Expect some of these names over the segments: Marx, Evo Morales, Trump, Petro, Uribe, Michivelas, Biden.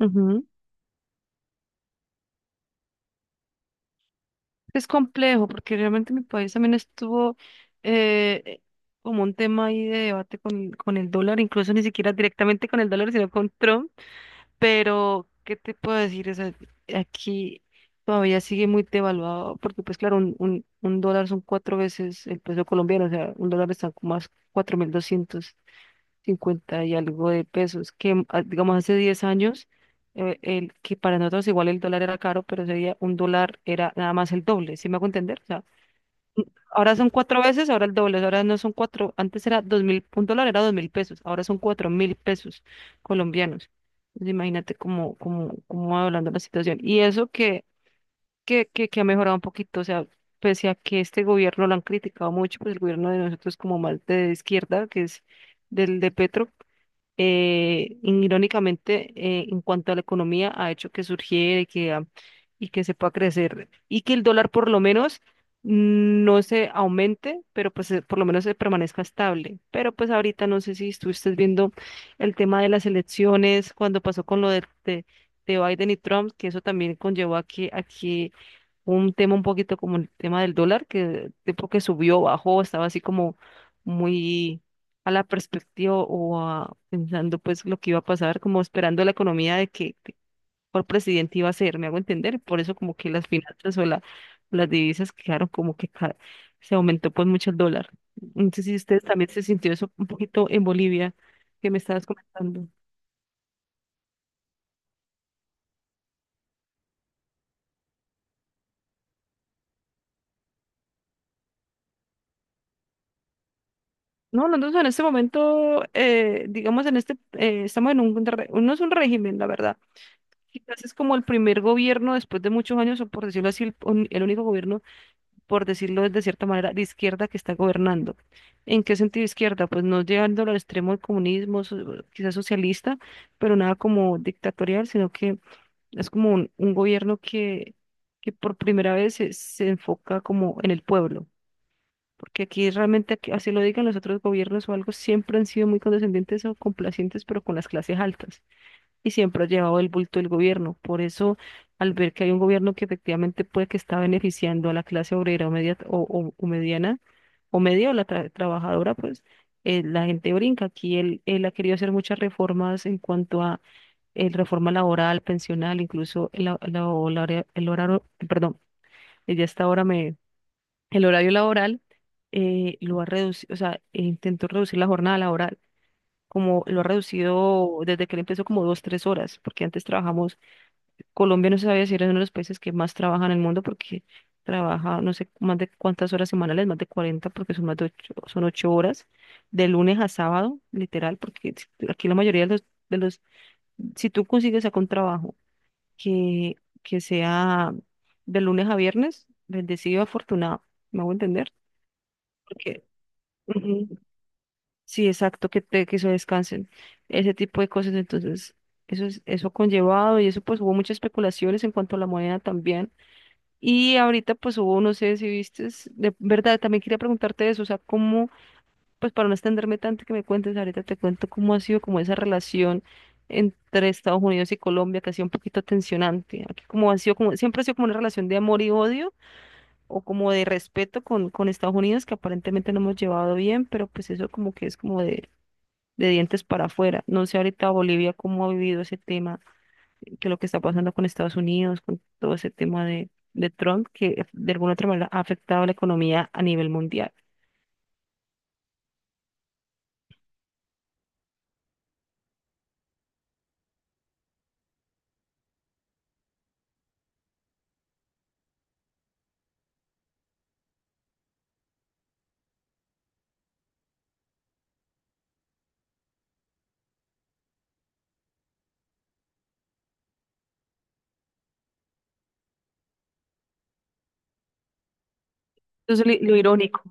Ujú. Es complejo porque realmente mi país también estuvo eh, eh, como un tema ahí de debate con, el dólar, incluso ni siquiera directamente con el dólar, sino con Trump. Pero, ¿qué te puedo decir? O sea, aquí todavía sigue muy devaluado porque, pues claro, un dólar son cuatro veces el peso colombiano, o sea, un dólar está como a 4.250 y algo de pesos, que digamos hace 10 años, que para nosotros igual el dólar era caro, pero ese día un dólar era nada más el doble, ¿sí me hago entender? O sea, ahora son cuatro veces, ahora el doble, ahora no son cuatro, antes era 2.000, un dólar era 2.000 pesos, ahora son 4.000 pesos colombianos. Entonces, imagínate cómo va hablando la situación. Y eso que, que ha mejorado un poquito, o sea, pese a que este gobierno lo han criticado mucho, pues el gobierno de nosotros como más de izquierda, que es del de Petro, irónicamente, en cuanto a la economía, ha hecho que surgiera y que, y que se pueda crecer y que el dólar por lo menos no se aumente, pero pues por lo menos se permanezca estable. Pero pues ahorita no sé si estuviste viendo el tema de las elecciones, cuando pasó con lo de, de Biden y Trump, que eso también conllevó a que un tema un poquito como el tema del dólar, que tipo que subió, bajó, estaba así como muy a la perspectiva o pensando pues lo que iba a pasar, como esperando la economía de que cuál presidente iba a ser, me hago entender, por eso como que las finanzas o la, las divisas quedaron como que se aumentó pues mucho el dólar. No sé si ustedes también se sintió eso un poquito en Bolivia, que me estabas comentando. No, nosotros en este momento, digamos, en este, estamos en un, no es un régimen, la verdad. Quizás es como el primer gobierno después de muchos años, o por decirlo así, el único gobierno, por decirlo de cierta manera, de izquierda que está gobernando. ¿En qué sentido izquierda? Pues no llegando al extremo del comunismo, quizás socialista, pero nada como dictatorial, sino que es como un gobierno que, por primera vez se enfoca como en el pueblo. Porque aquí realmente, así lo digan los otros gobiernos o algo, siempre han sido muy condescendientes o complacientes, pero con las clases altas y siempre ha llevado el bulto del gobierno. Por eso, al ver que hay un gobierno que efectivamente puede que está beneficiando a la clase obrera o, media, o, o mediana, o media o la trabajadora, pues la gente brinca. Aquí él ha querido hacer muchas reformas en cuanto a reforma laboral, pensional, incluso el, la- la- o la hora- el horario, perdón, ya hasta ahora me, el horario laboral lo ha reducido, o sea, intentó reducir la jornada laboral como lo ha reducido desde que él empezó como dos, tres horas, porque antes trabajamos. Colombia no se sabía si era uno de los países que más trabaja en el mundo porque trabaja no sé más de cuántas horas semanales, más de 40 porque son más de 8, son 8 horas de lunes a sábado, literal, porque aquí la mayoría de los si tú consigues acá un trabajo que, sea de lunes a viernes, bendecido, afortunado, ¿me hago entender? Porque ujú, sí, exacto, que te que se descansen, ese tipo de cosas, entonces eso es, eso conllevado y eso pues hubo muchas especulaciones en cuanto a la moneda también. Y ahorita pues hubo, no sé si viste, de verdad, también quería preguntarte eso, o sea, cómo, pues para no extenderme tanto que me cuentes, ahorita te cuento cómo ha sido como esa relación entre Estados Unidos y Colombia, que ha sido un poquito tensionante. Aquí como ha sido como, siempre ha sido como una relación de amor y odio, o como de respeto con, Estados Unidos, que aparentemente no hemos llevado bien, pero pues eso como que es como de, dientes para afuera. No sé ahorita Bolivia cómo ha vivido ese tema que lo que está pasando con Estados Unidos, con todo ese tema de, Trump, que de alguna otra manera ha afectado la economía a nivel mundial. Entonces, lo irónico.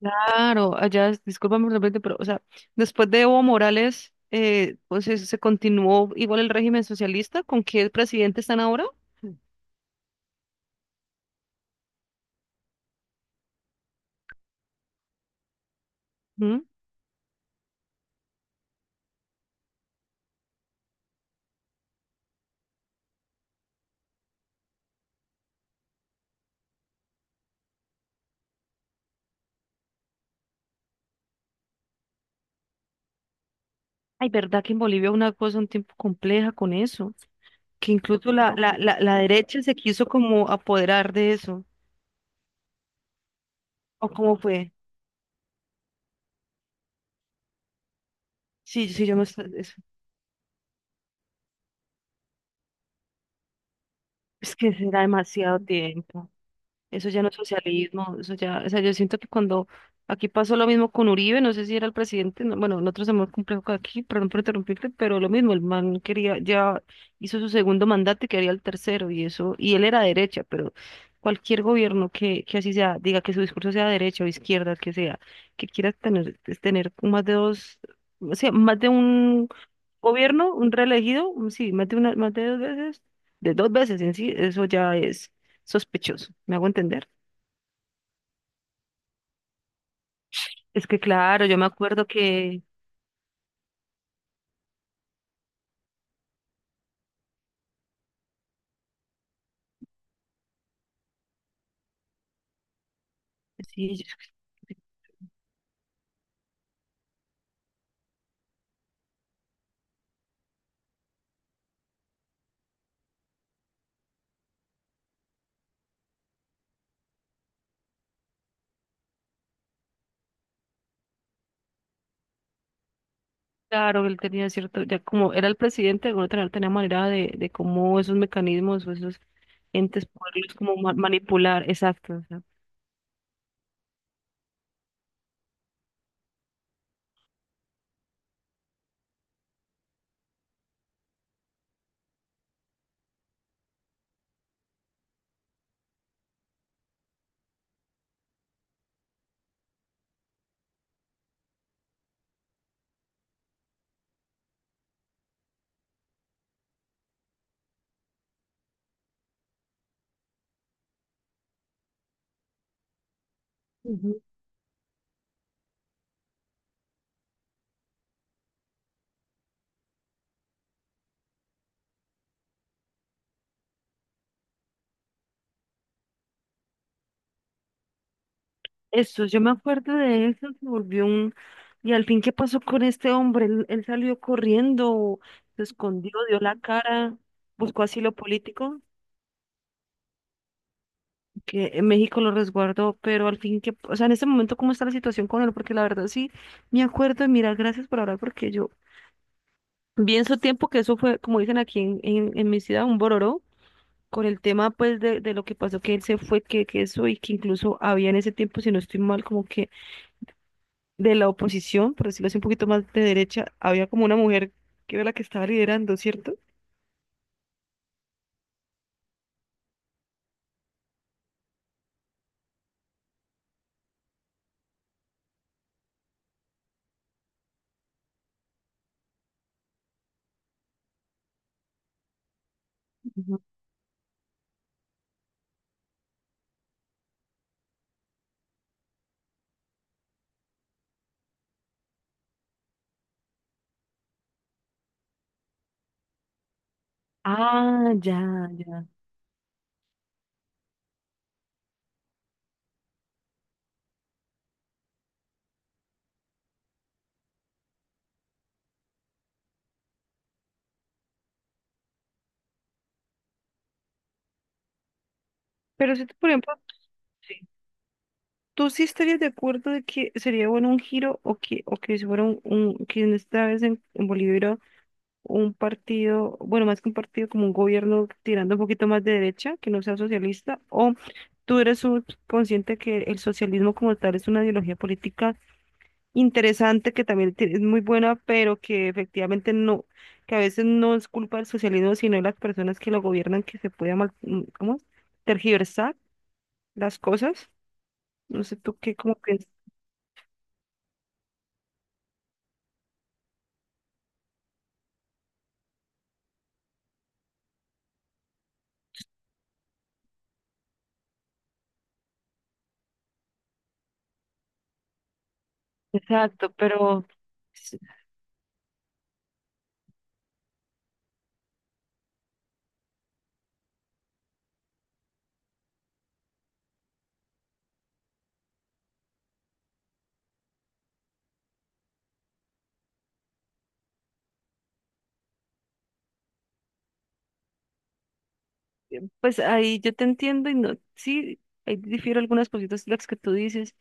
Claro, allá, discúlpame por repente, pero, o sea, después de Evo Morales, pues se continuó igual el régimen socialista, ¿con qué presidente están ahora? ¿Mm? Ay, verdad que en Bolivia una cosa un tiempo compleja con eso, que incluso la derecha se quiso como apoderar de eso, ¿o cómo fue? Sí, sí, yo me... Es que será demasiado tiempo. Eso ya no es socialismo. Eso ya, o sea, yo siento que cuando aquí pasó lo mismo con Uribe, no sé si era el presidente, bueno, nosotros somos complejo que aquí, perdón por interrumpirte, pero lo mismo, el man quería, ya hizo su segundo mandato y quería el tercero, y eso, y él era derecha, pero cualquier gobierno que, así sea, diga que su discurso sea derecha o izquierda, que sea, que quiera tener, es tener más de dos, o sea, más de un gobierno, un reelegido, sí, más de una, más de dos veces en sí, eso ya es sospechoso, ¿me hago entender? Es que claro, yo me acuerdo que, sí, claro, él tenía cierto, ya como era el presidente, de alguna manera tenía manera de, cómo esos mecanismos o esos entes poderlos como manipular, exacto, o sea, ujú. Eso, yo me acuerdo de eso, se volvió un... Y al fin, ¿qué pasó con este hombre? Él salió corriendo, se escondió, dio la cara, buscó asilo político. Que México lo resguardó, pero al fin que, o sea, en este momento, ¿cómo está la situación con él? Porque la verdad sí, me acuerdo, y mira, gracias por hablar, porque yo vi en su tiempo que eso fue, como dicen aquí en mi ciudad, un bororó, con el tema pues de, lo que pasó, que él se fue, que eso, y que incluso había en ese tiempo, si no estoy mal, como que de la oposición, por decirlo así, un poquito más de derecha, había como una mujer que era la que estaba liderando, ¿cierto? Ujú. Ah, ya, ya. Pero si tú, por ejemplo, sí, ¿tú sí estarías de acuerdo de que sería bueno un giro o que si fuera que en esta vez en Bolivia hubiera un partido, bueno, más que un partido, como un gobierno tirando un poquito más de derecha, que no sea socialista? ¿O tú eres consciente que el socialismo como tal es una ideología política interesante, que también es muy buena, pero que efectivamente no, que a veces no es culpa del socialismo, sino de las personas que lo gobiernan, que se puede mal, ¿cómo es? Tergiversar las cosas. No sé tú qué, cómo piensas. Exacto, pero s- pues ahí yo te entiendo y no, sí, ahí difiero algunas cositas de las que tú dices,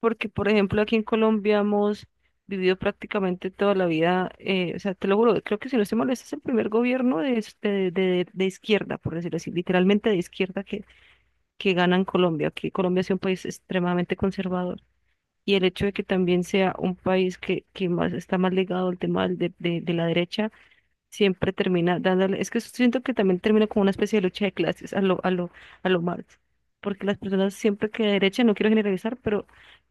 porque por ejemplo aquí en Colombia hemos vivido prácticamente toda la vida, o sea, te lo juro, creo que si no estoy mal, este es el primer gobierno de, de izquierda, por decirlo así, literalmente de izquierda que, gana en Colombia, que Colombia es un país extremadamente conservador. Y el hecho de que también sea un país que, más está más ligado al tema de la derecha siempre termina dándole, es que siento que también termina como una especie de lucha de clases a lo, a lo Marx, porque las personas siempre que de derecha, no quiero generalizar, pero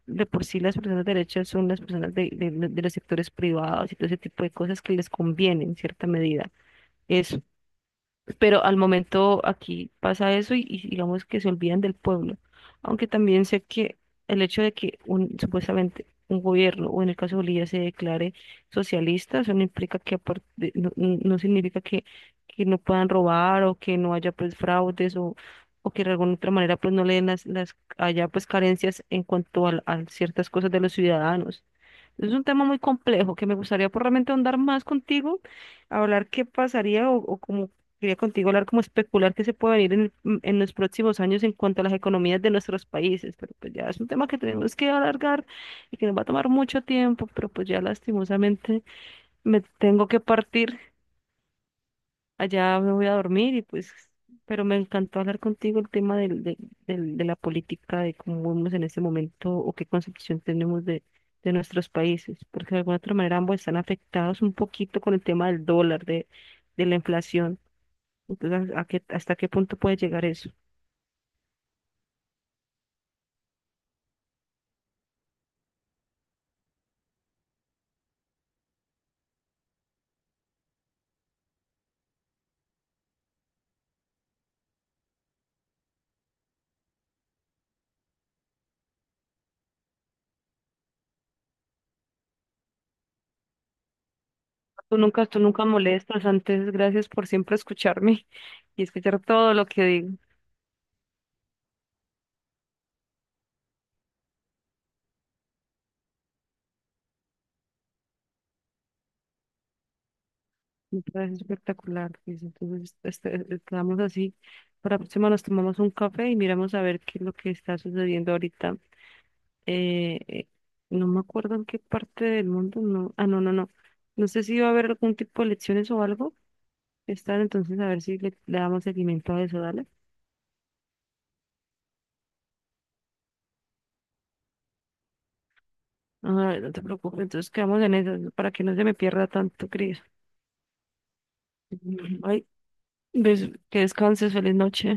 de por sí las personas de derecha son las personas de los sectores privados y todo ese tipo de cosas que les conviene en cierta medida, pero al momento aquí pasa eso y, digamos que se olvidan del pueblo. Aunque también sé que el hecho de que un, supuestamente un gobierno, o en el caso de Bolivia, se declare socialista, eso no implica que no significa que, no puedan robar o que no haya pues fraudes o, que de alguna otra manera pues no le den las, haya pues carencias en cuanto a ciertas cosas de los ciudadanos. Es un tema muy complejo que me gustaría por realmente ahondar más contigo, hablar qué pasaría. O Quería contigo hablar como especular qué se puede venir en, en los próximos años en cuanto a las economías de nuestros países, pero pues ya es un tema que tenemos que alargar y que nos va a tomar mucho tiempo, pero pues ya lastimosamente me tengo que partir, allá me voy a dormir y pues, pero me encantó hablar contigo el tema de la política, de cómo vemos en este momento o qué concepción tenemos de, nuestros países, porque de alguna otra manera ambos están afectados un poquito con el tema del dólar, de, la inflación. Entonces, ¿a qué, hasta qué punto puede llegar eso? Tú nunca molestas. Antes, gracias por siempre escucharme y escuchar todo lo que digo. Me parece espectacular, Cris. Entonces, estamos así. Para la próxima nos tomamos un café y miramos a ver qué es lo que está sucediendo ahorita. Eh, eh, no me acuerdo en qué parte del mundo. No. Ah, no, no, no. No sé si va a haber algún tipo de elecciones o algo. Están entonces a ver si le damos seguimiento a eso, dale. Ah, no te preocupes. Entonces quedamos en eso para que no se me pierda tanto, Cris. Ay, que descanses, feliz noche.